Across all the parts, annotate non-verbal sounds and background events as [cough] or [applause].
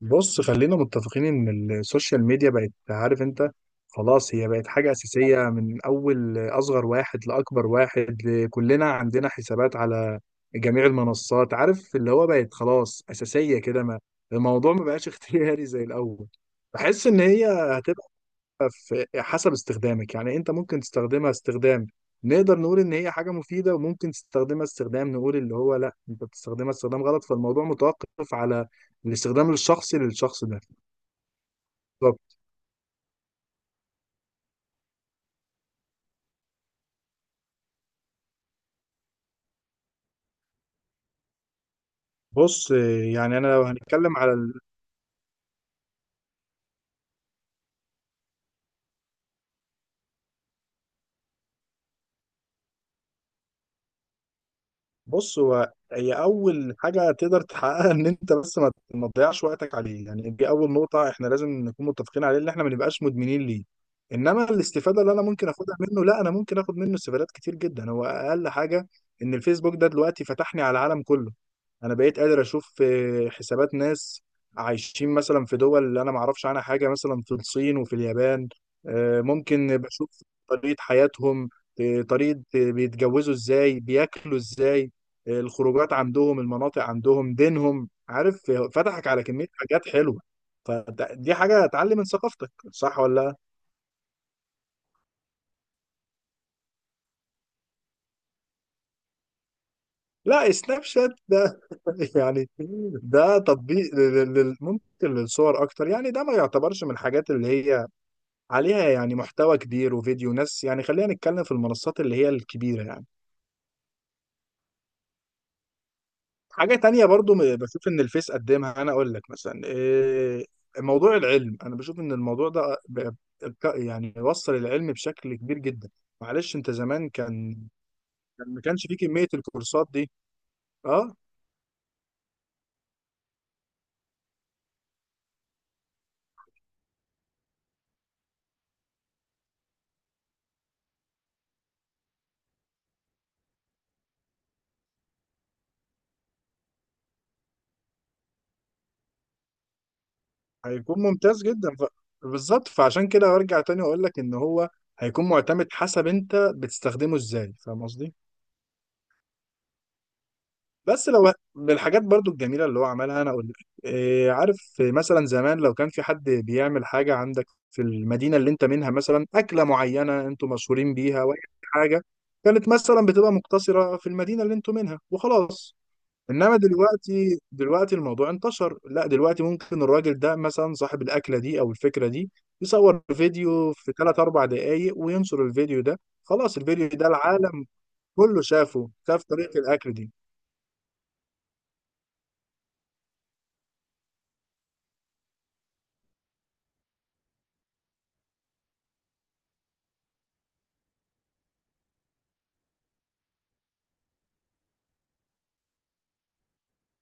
بص، خلينا متفقين ان السوشيال ميديا بقت، عارف انت، خلاص هي بقت حاجة أساسية من أول أصغر واحد لأكبر واحد. كلنا عندنا حسابات على جميع المنصات، عارف اللي هو بقت خلاص أساسية كده. ما الموضوع ما بقاش [laughs] اختياري زي الأول. بحس إن هي هتبقى في، حسب استخدامك يعني. انت ممكن تستخدمها استخدام، نقدر نقول ان هي حاجة مفيدة، وممكن تستخدمها استخدام نقول اللي هو لا انت بتستخدمها استخدام غلط، فالموضوع متوقف على الاستخدام الشخصي للشخص ده. طب بص، يعني انا لو هنتكلم على، بص هو هي اول حاجه تقدر تحققها ان انت بس ما تضيعش وقتك عليه، يعني دي اول نقطه احنا لازم نكون متفقين عليه ان احنا ما نبقاش مدمنين ليه. انما الاستفاده اللي انا ممكن اخدها منه، لا انا ممكن اخد منه استفادات كتير جدا. هو اقل حاجه ان الفيسبوك ده دلوقتي فتحني على العالم كله. انا بقيت قادر اشوف حسابات ناس عايشين مثلا في دول انا ما اعرفش عنها حاجه، مثلا في الصين وفي اليابان. ممكن بشوف طريقه حياتهم، آه، طريقه آه، بيتجوزوا ازاي، بياكلوا ازاي، الخروجات عندهم، المناطق عندهم، دينهم، عارف، فتحك على كمية حاجات حلوة. فدي حاجة اتعلم من ثقافتك، صح ولا؟ لا لا، سناب شات ده [laughs] يعني ده تطبيق ممكن للصور اكتر، يعني ده ما يعتبرش من الحاجات اللي هي عليها يعني محتوى كبير وفيديو ناس. يعني خلينا نتكلم في المنصات اللي هي الكبيرة يعني. حاجة تانية برضو، بشوف إن الفيس قدمها، أنا أقول لك مثلا إيه؟ موضوع العلم. أنا بشوف إن الموضوع ده يعني وصل العلم بشكل كبير جدا. معلش أنت زمان كان، ما كانش فيه كمية الكورسات دي. أه. هيكون ممتاز جدا بالظبط. فعشان كده أرجع تاني وأقول لك إن هو هيكون معتمد حسب أنت بتستخدمه إزاي. فاهم قصدي؟ بس لو من الحاجات برضو الجميلة اللي هو عملها، أنا أقول لك إيه، عارف، مثلا زمان لو كان في حد بيعمل حاجة عندك في المدينة اللي أنت منها، مثلا أكلة معينة أنتوا مشهورين بيها، وأي حاجة كانت مثلا بتبقى مقتصرة في المدينة اللي أنتوا منها وخلاص. إنما دلوقتي، الموضوع انتشر. لا دلوقتي ممكن الراجل ده مثلا، صاحب الأكلة دي أو الفكرة دي، يصور فيديو في 3 4 دقايق وينشر الفيديو ده. خلاص الفيديو ده العالم كله شافه، شاف طريقة الأكل دي.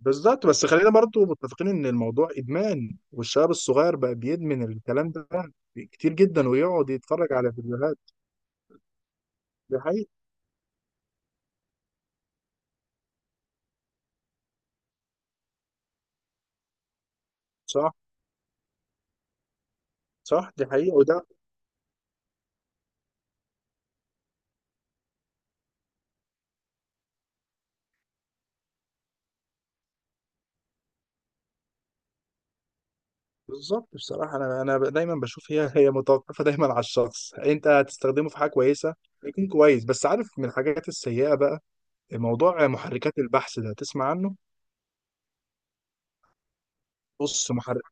بالظبط. بس خلينا برضو متفقين ان الموضوع ادمان. والشباب الصغير بقى بيدمن الكلام ده كتير جدا، ويقعد يتفرج على فيديوهات. دي حقيقة. صح صح. دي حقيقة. وده بالظبط. بصراحة انا دايما بشوف هي متوقفة دايما على الشخص. انت هتستخدمه في حاجة كويسة يكون كويس. بس عارف من الحاجات السيئة بقى موضوع محركات البحث ده، تسمع عنه؟ بص محرك،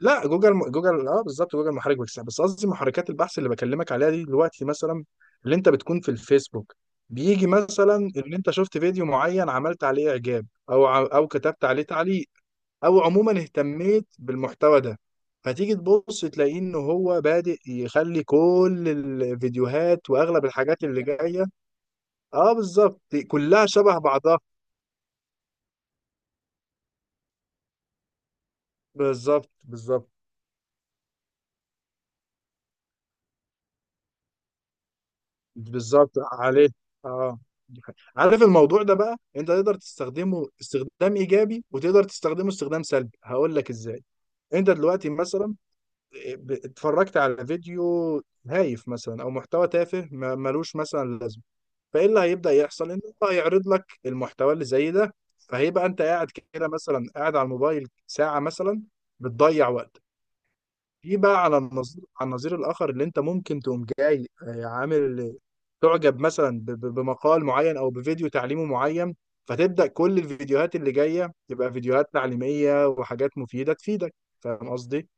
لا جوجل. جوجل اه بالظبط، جوجل محرك بحث. بس قصدي محركات البحث اللي بكلمك عليها دي، دلوقتي مثلا اللي انت بتكون في الفيسبوك، بيجي مثلا ان انت شفت فيديو معين، عملت عليه اعجاب، او كتبت عليه تعليق، او عموما اهتميت بالمحتوى ده، فتيجي تبص تلاقيه ان هو بادئ يخلي كل الفيديوهات واغلب الحاجات اللي جايه اه بالظبط كلها شبه بعضها. بالظبط بالظبط بالظبط عليه اه. دي حقيقة. عارف الموضوع ده بقى انت تقدر تستخدمه استخدام ايجابي، وتقدر تستخدمه استخدام سلبي. هقول لك ازاي. انت دلوقتي مثلا اتفرجت على فيديو هايف مثلا، او محتوى تافه ملوش مثلا لازمه. فايه اللي هيبدا يحصل؟ ان هو هيعرض لك المحتوى اللي زي ده. فهيبقى انت قاعد كده مثلا، قاعد على الموبايل ساعه مثلا بتضيع وقت. في بقى على النظير، على النظير الاخر اللي انت ممكن تقوم جاي، عامل تعجب مثلا بمقال معين او بفيديو تعليمي معين، فتبدا كل الفيديوهات اللي جايه تبقى فيديوهات تعليميه وحاجات مفيده تفيدك. فاهم قصدي؟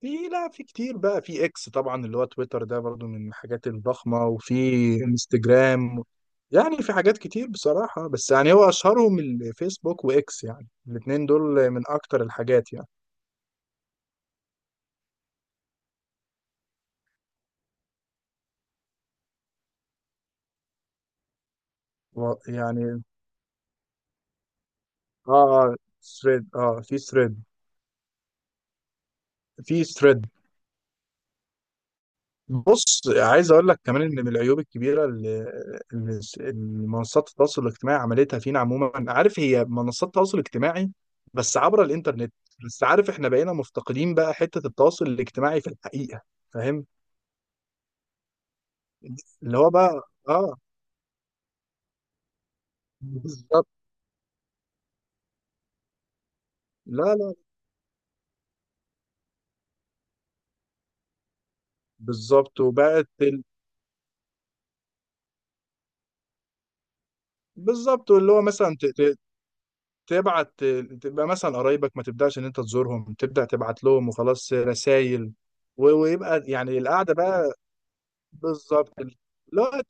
في، لا في كتير بقى. في اكس طبعا، اللي هو تويتر، ده برضو من الحاجات الضخمه. وفي انستجرام. يعني في حاجات كتير بصراحه، بس يعني هو اشهرهم الفيسبوك واكس. يعني الاثنين دول من اكتر الحاجات يعني. يعني اه اه ثريد. اه في ثريد. في ثريد. بص عايز اقول لك كمان ان من العيوب الكبيره، اللي منصات التواصل الاجتماعي عملتها فينا عموما، عارف، هي منصات التواصل الاجتماعي بس عبر الانترنت. بس عارف احنا بقينا مفتقدين بقى حته التواصل الاجتماعي في الحقيقه. فاهم اللي هو بقى اه بالظبط. لا لا بالظبط. وبقت بالظبط. اللي هو مثلا تبعت، تبقى مثلا قرايبك ما تبداش ان انت تزورهم، تبدا تبعت لهم وخلاص رسائل. ويبقى يعني القعده بقى بالظبط. لا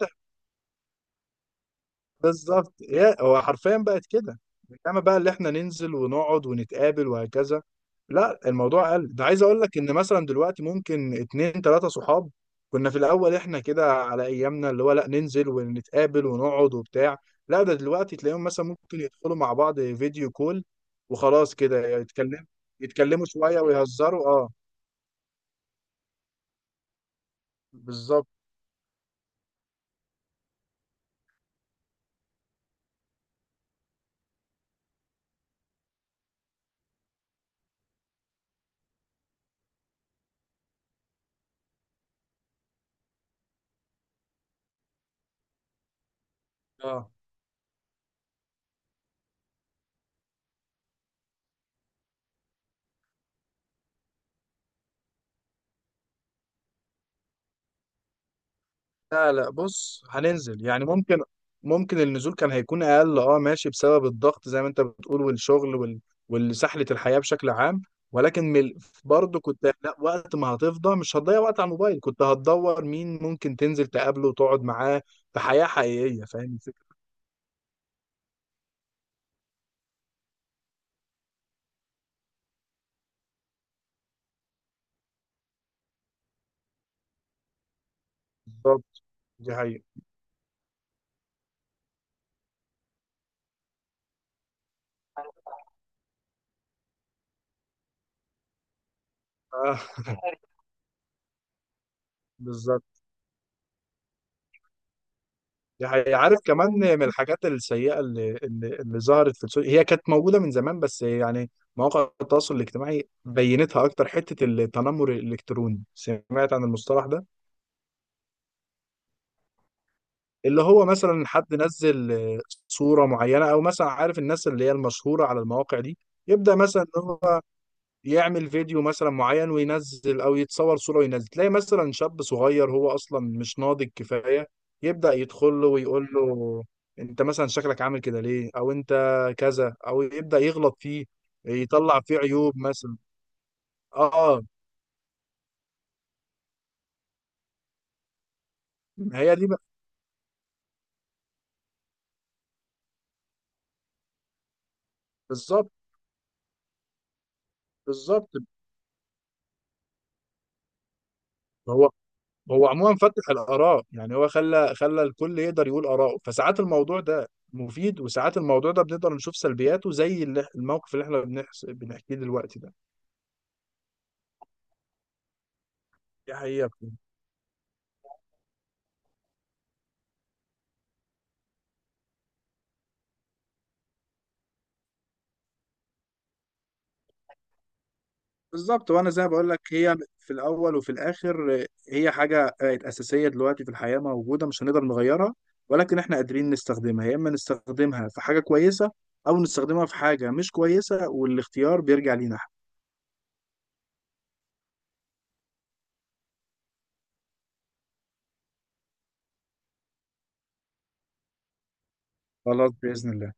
بالظبط. هي هو حرفيا بقت كده. انما بقى اللي احنا ننزل ونقعد ونتقابل وهكذا، لا الموضوع قل. ده عايز اقول لك ان مثلا دلوقتي ممكن اتنين تلاتة صحاب كنا في الاول احنا كده على ايامنا اللي هو، لا ننزل ونتقابل ونقعد وبتاع. لا ده دلوقتي تلاقيهم مثلا ممكن يدخلوا مع بعض فيديو كول وخلاص كده، يتكلم، يتكلموا شوية ويهزروا اه بالظبط اه. لا لا بص، هننزل يعني ممكن، النزول كان هيكون اقل اه ماشي بسبب الضغط زي ما انت بتقول والشغل والسحلة الحياة بشكل عام. ولكن برضه كنت، لا وقت ما هتفضى مش هتضيع وقت على الموبايل، كنت هتدور مين ممكن تنزل تقابله وتقعد معاه في حياة حقيقية. فاهم الفكرة؟ بالظبط. دي حقيقة. آه، [laughs] بالظبط. دي حقيقة. عارف كمان من الحاجات السيئة اللي ظهرت في السوشيال، هي كانت موجودة من زمان بس يعني مواقع التواصل الاجتماعي بينتها أكتر. حتة التنمر الإلكتروني، سمعت عن المصطلح ده؟ اللي هو مثلا حد نزل صورة معينة، أو مثلا عارف الناس اللي هي المشهورة على المواقع دي، يبدأ مثلا إن هو يعمل فيديو مثلا معين وينزل، او يتصور صورة وينزل، تلاقي مثلا شاب صغير هو اصلا مش ناضج كفاية يبدأ يدخل له ويقول له انت مثلا شكلك عامل كده ليه، او انت كذا، او يبدأ يغلط فيه، يطلع فيه عيوب مثلا. اه ما هي دي بقى- بالظبط. بالظبط هو، عموما فتح الآراء يعني، هو خلى الكل يقدر يقول آراءه، فساعات الموضوع ده مفيد، وساعات الموضوع ده بنقدر نشوف سلبياته زي الموقف اللي احنا بنحكيه دلوقتي ده. دي حقيقة. بالظبط. وانا زي ما بقول لك، هي في الاول وفي الاخر هي حاجه بقت اساسيه دلوقتي في الحياه موجوده مش هنقدر نغيرها. ولكن احنا قادرين نستخدمها يا اما نستخدمها في حاجه كويسه، او نستخدمها في حاجه مش كويسه، والاختيار بيرجع لينا إحنا. خلاص باذن الله.